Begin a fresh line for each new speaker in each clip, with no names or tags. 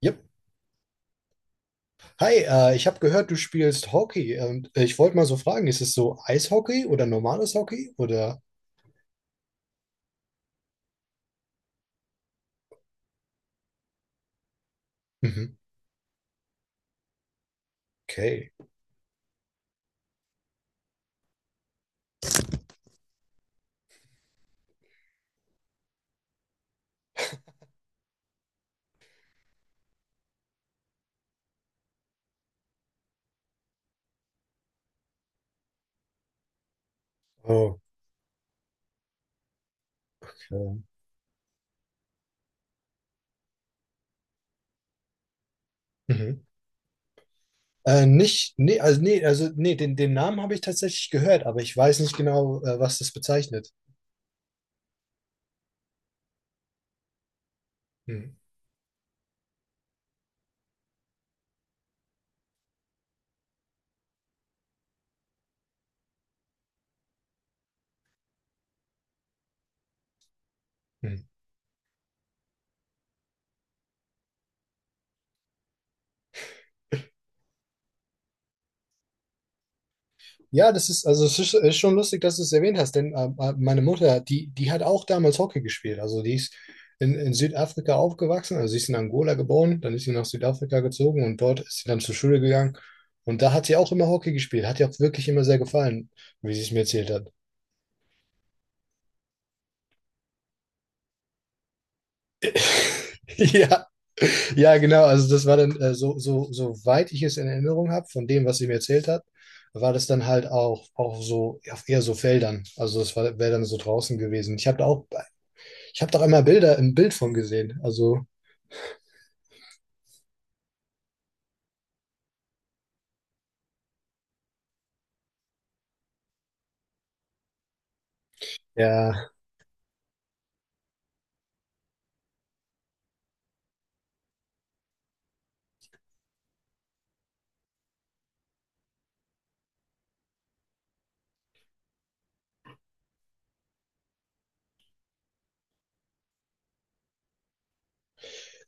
Yep. Hi, ich habe gehört, du spielst Hockey und ich wollte mal so fragen, ist es so Eishockey oder normales Hockey oder? Mhm. Okay. Okay. Mhm. Nicht, nee, also nee, also nee, den Namen habe ich tatsächlich gehört, aber ich weiß nicht genau, was das bezeichnet. Mhm. Mhm. Ja, das ist, also es ist schon lustig, dass du es erwähnt hast, denn meine Mutter, die hat auch damals Hockey gespielt. Also die ist in Südafrika aufgewachsen, also sie ist in Angola geboren, dann ist sie nach Südafrika gezogen und dort ist sie dann zur Schule gegangen. Und da hat sie auch immer Hockey gespielt, hat ihr auch wirklich immer sehr gefallen, wie sie es mir erzählt hat. Ja, ja, genau. Also das war dann, so, soweit ich es in Erinnerung habe, von dem, was sie mir erzählt hat, war das dann halt auch, auch so, ja, eher so Feldern. Also das war, wäre dann so draußen gewesen. Ich habe doch einmal Bilder im Bild von gesehen. Also, ja.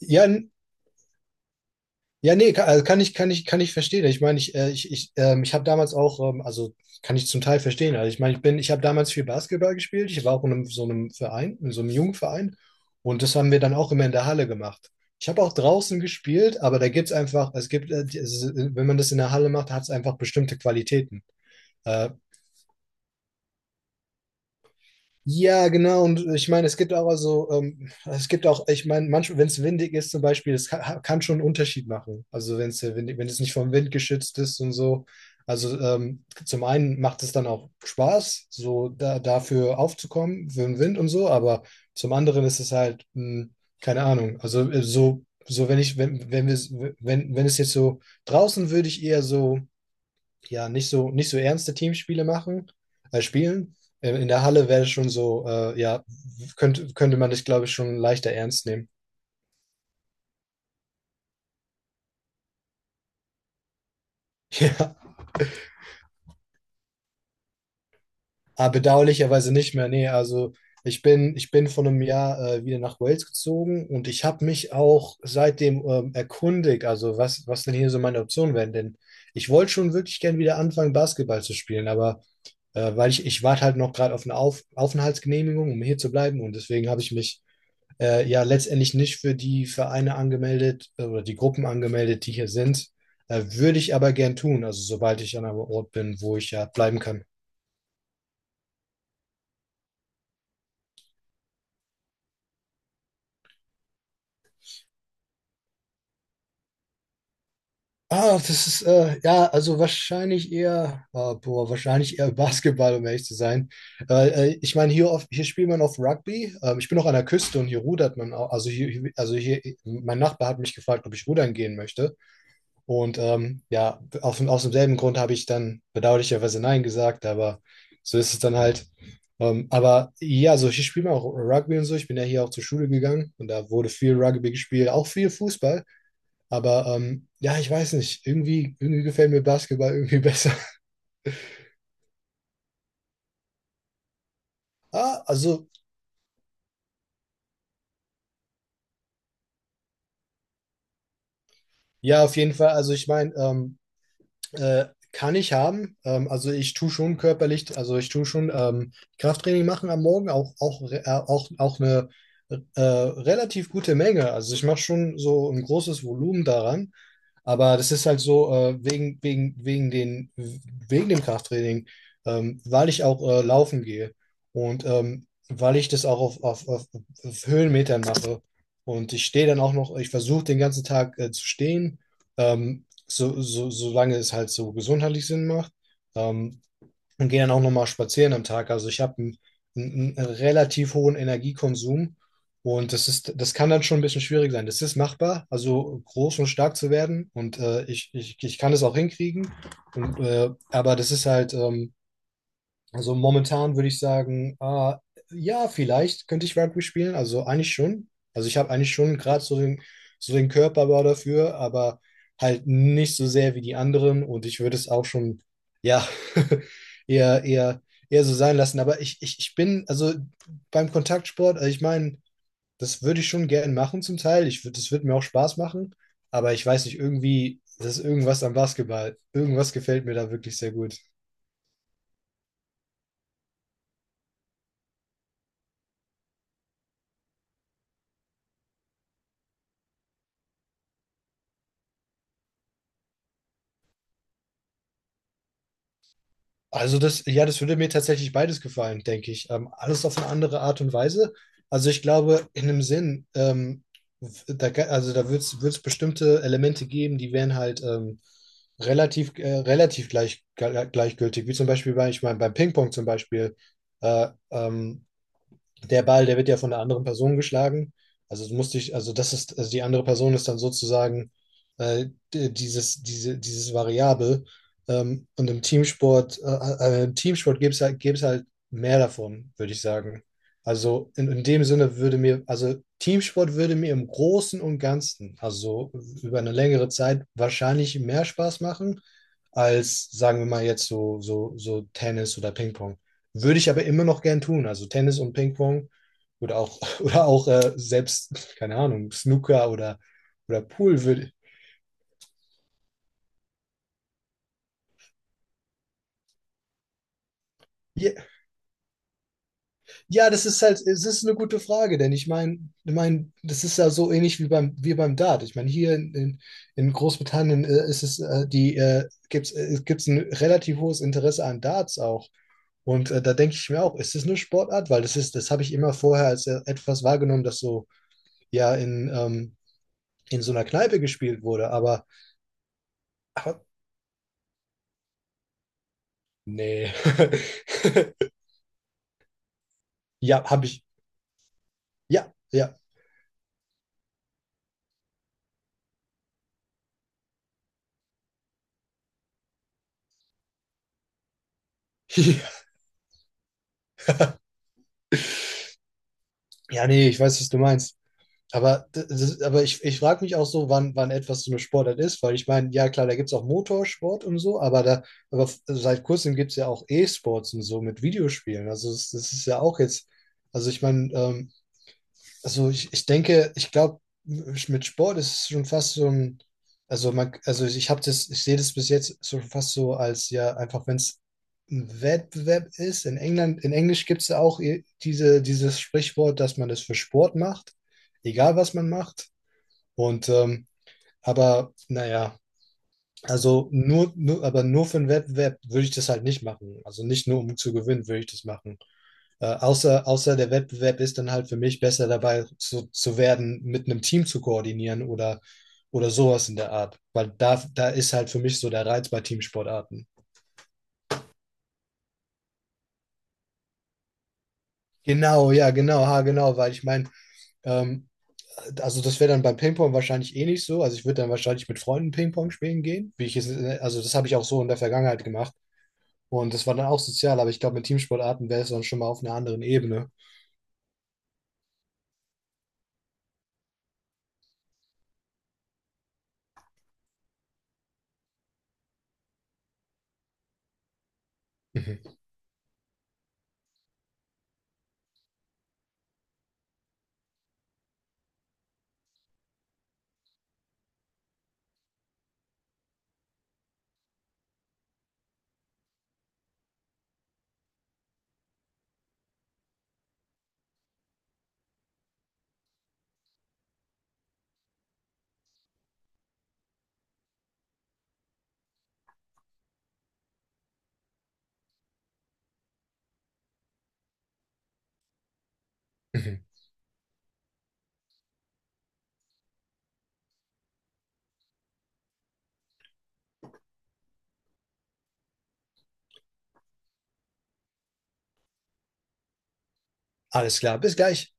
Ja, n- ja, nee, kann, also kann ich verstehen. Ich meine, ich habe damals auch, also kann ich zum Teil verstehen. Also ich meine, ich habe damals viel Basketball gespielt. Ich war auch in einem, so einem Verein, in so einem jungen Verein. Und das haben wir dann auch immer in der Halle gemacht. Ich habe auch draußen gespielt, aber da gibt's einfach, es gibt, die- es, ist- wenn man das in der Halle macht, hat's einfach bestimmte Qualitäten. Äh, Ja, genau. Und ich meine, es gibt auch also, es gibt auch, ich meine, manchmal, wenn es windig ist zum Beispiel, kann schon einen Unterschied machen. Also wenn es windig, wenn es nicht vom Wind geschützt ist und so. Also zum einen macht es dann auch Spaß, so da, dafür aufzukommen, für den Wind und so, aber zum anderen ist es halt, keine Ahnung. Also so, so wenn ich, wenn, wenn wir, wenn, wenn es jetzt so draußen würde ich eher so ja, nicht so ernste Teamspiele machen, spielen. In der Halle wäre es schon so, ja, könnte man das, glaube ich, schon leichter ernst nehmen. Ja, aber bedauerlicherweise nicht mehr. Nee, also ich bin vor einem Jahr wieder nach Wales gezogen und ich habe mich auch seitdem erkundigt, also was denn hier so meine Optionen wären. Denn ich wollte schon wirklich gern wieder anfangen, Basketball zu spielen, aber weil ich warte halt noch gerade auf eine auf Aufenthaltsgenehmigung, um hier zu bleiben und deswegen habe ich mich ja letztendlich nicht für die Vereine angemeldet oder die Gruppen angemeldet, die hier sind. Würde ich aber gern tun, also sobald ich an einem Ort bin, wo ich ja bleiben kann. Ah, das ist, ja, also wahrscheinlich eher, ah, boah, wahrscheinlich eher Basketball, um ehrlich zu sein. Ich meine, hier, auf, hier spielt man auf Rugby. Ich bin auch an der Küste und hier rudert man auch. Also hier, hier- also hier, mein Nachbar hat mich gefragt, ob ich rudern gehen möchte. Und ja, auf, aus demselben Grund habe ich dann bedauerlicherweise Nein gesagt, aber so ist es dann halt. Aber ja, so ich spiele auch Rugby und so. Ich bin ja hier auch zur Schule gegangen und da wurde viel Rugby gespielt, auch viel Fußball. Aber ja, ich weiß nicht, irgendwie, irgendwie gefällt mir Basketball irgendwie besser. Ah, also ja, auf jeden Fall. Also ich meine, Äh, kann ich haben. Also ich tue schon körperlich, also ich tue schon Krafttraining machen am Morgen, auch eine relativ gute Menge. Also ich mache schon so ein großes Volumen daran. Aber das ist halt so, wegen dem Krafttraining, weil ich auch laufen gehe und weil ich das auch auf Höhenmetern mache. Und ich stehe dann auch noch, ich versuche den ganzen Tag zu stehen, solange es halt so gesundheitlich Sinn macht. Ähm, und gehe dann auch nochmal spazieren am Tag. Also ich habe einen relativ hohen Energiekonsum und das ist, das kann dann schon ein bisschen schwierig sein. Das ist machbar, also groß und stark zu werden und ich kann es auch hinkriegen. Und, aber das ist halt, also momentan würde ich sagen, ah, ja, vielleicht könnte ich Rugby spielen. Also eigentlich schon. Also ich habe eigentlich schon gerade so so den Körperbau dafür, aber halt nicht so sehr wie die anderen. Und ich würde es auch schon, ja, eher, eher, eher so sein lassen. Aber ich bin, also beim Kontaktsport, also ich meine, das würde ich schon gerne machen zum Teil. Ich würde, das würde mir auch Spaß machen. Aber ich weiß nicht, irgendwie, das ist irgendwas am Basketball. Irgendwas gefällt mir da wirklich sehr gut. Also das, ja, das würde mir tatsächlich beides gefallen, denke ich. Alles auf eine andere Art und Weise. Also ich glaube, in einem Sinn, da, ga- also da wird es bestimmte Elemente geben, die wären halt relativ gleich, gleichgültig. Wie zum Beispiel bei, ich meine, beim Ping-Pong zum Beispiel. Äh, ähm, Der Ball, der wird ja von der anderen Person geschlagen. Also du musst dich, also das ist, also die andere Person ist dann sozusagen äh, dieses Variable. Und im Teamsport gibt es halt, gäbe es halt mehr davon, würde ich sagen. Also in dem Sinne würde mir, also Teamsport würde mir im Großen und Ganzen, also über eine längere Zeit, wahrscheinlich mehr Spaß machen, als sagen wir mal jetzt so Tennis oder Ping-Pong. Würde ich aber immer noch gern tun. Also Tennis und Ping-Pong oder auch, oder auch selbst, keine Ahnung, Snooker oder Pool würde. Ja, ja, das ist halt, es ist eine gute Frage, denn ich meine, ich mein, das ist ja so ähnlich wie wie beim Dart. Ich meine, in Großbritannien ist es, die, gibt's, gibt's ein relativ hohes Interesse an Darts auch. Und da denke ich mir auch, ist es eine Sportart? Weil das ist, das habe ich immer vorher als etwas wahrgenommen, das so ja in so einer Kneipe gespielt wurde. Aber ha, nee. Ja, habe ich. Ja, ja. Ja, nee, ich weiß, was du meinst. Aber, d- das, aber ich frage mich auch so, wann etwas so eine Sportart ist, weil ich meine, ja klar, da gibt es auch Motorsport und so, aber da, aber f- seit kurzem gibt es ja auch E-Sports und so mit Videospielen. Also das, das ist ja auch jetzt, also ich meine, also ich glaube, mit Sport ist es schon fast so ein, also man, also ich habe das, ich sehe das bis jetzt so fast so als ja, einfach wenn es ein Wettbewerb ist. In England, in Englisch gibt es ja auch i- dieses Sprichwort, dass man das für Sport macht, egal was man macht. Und aber naja, also aber nur für einen Wettbewerb würde ich das halt nicht machen. Also nicht nur um zu gewinnen, würde ich das machen. Außer der Wettbewerb ist dann halt für mich besser dabei zu werden, mit einem Team zu koordinieren oder sowas in der Art. Weil da ist halt für mich so der Reiz bei Teamsportarten. Genau, ja, genau, ha, genau, weil ich meine, ähm, also das wäre dann beim Ping-Pong wahrscheinlich eh nicht so. Also ich würde dann wahrscheinlich mit Freunden Ping-Pong spielen gehen, wie ich es, also das habe ich auch so in der Vergangenheit gemacht. Und das war dann auch sozial, aber ich glaube, mit Teamsportarten wäre es dann schon mal auf einer anderen Ebene. Mhm. Mhm. Alles klar, bis gleich.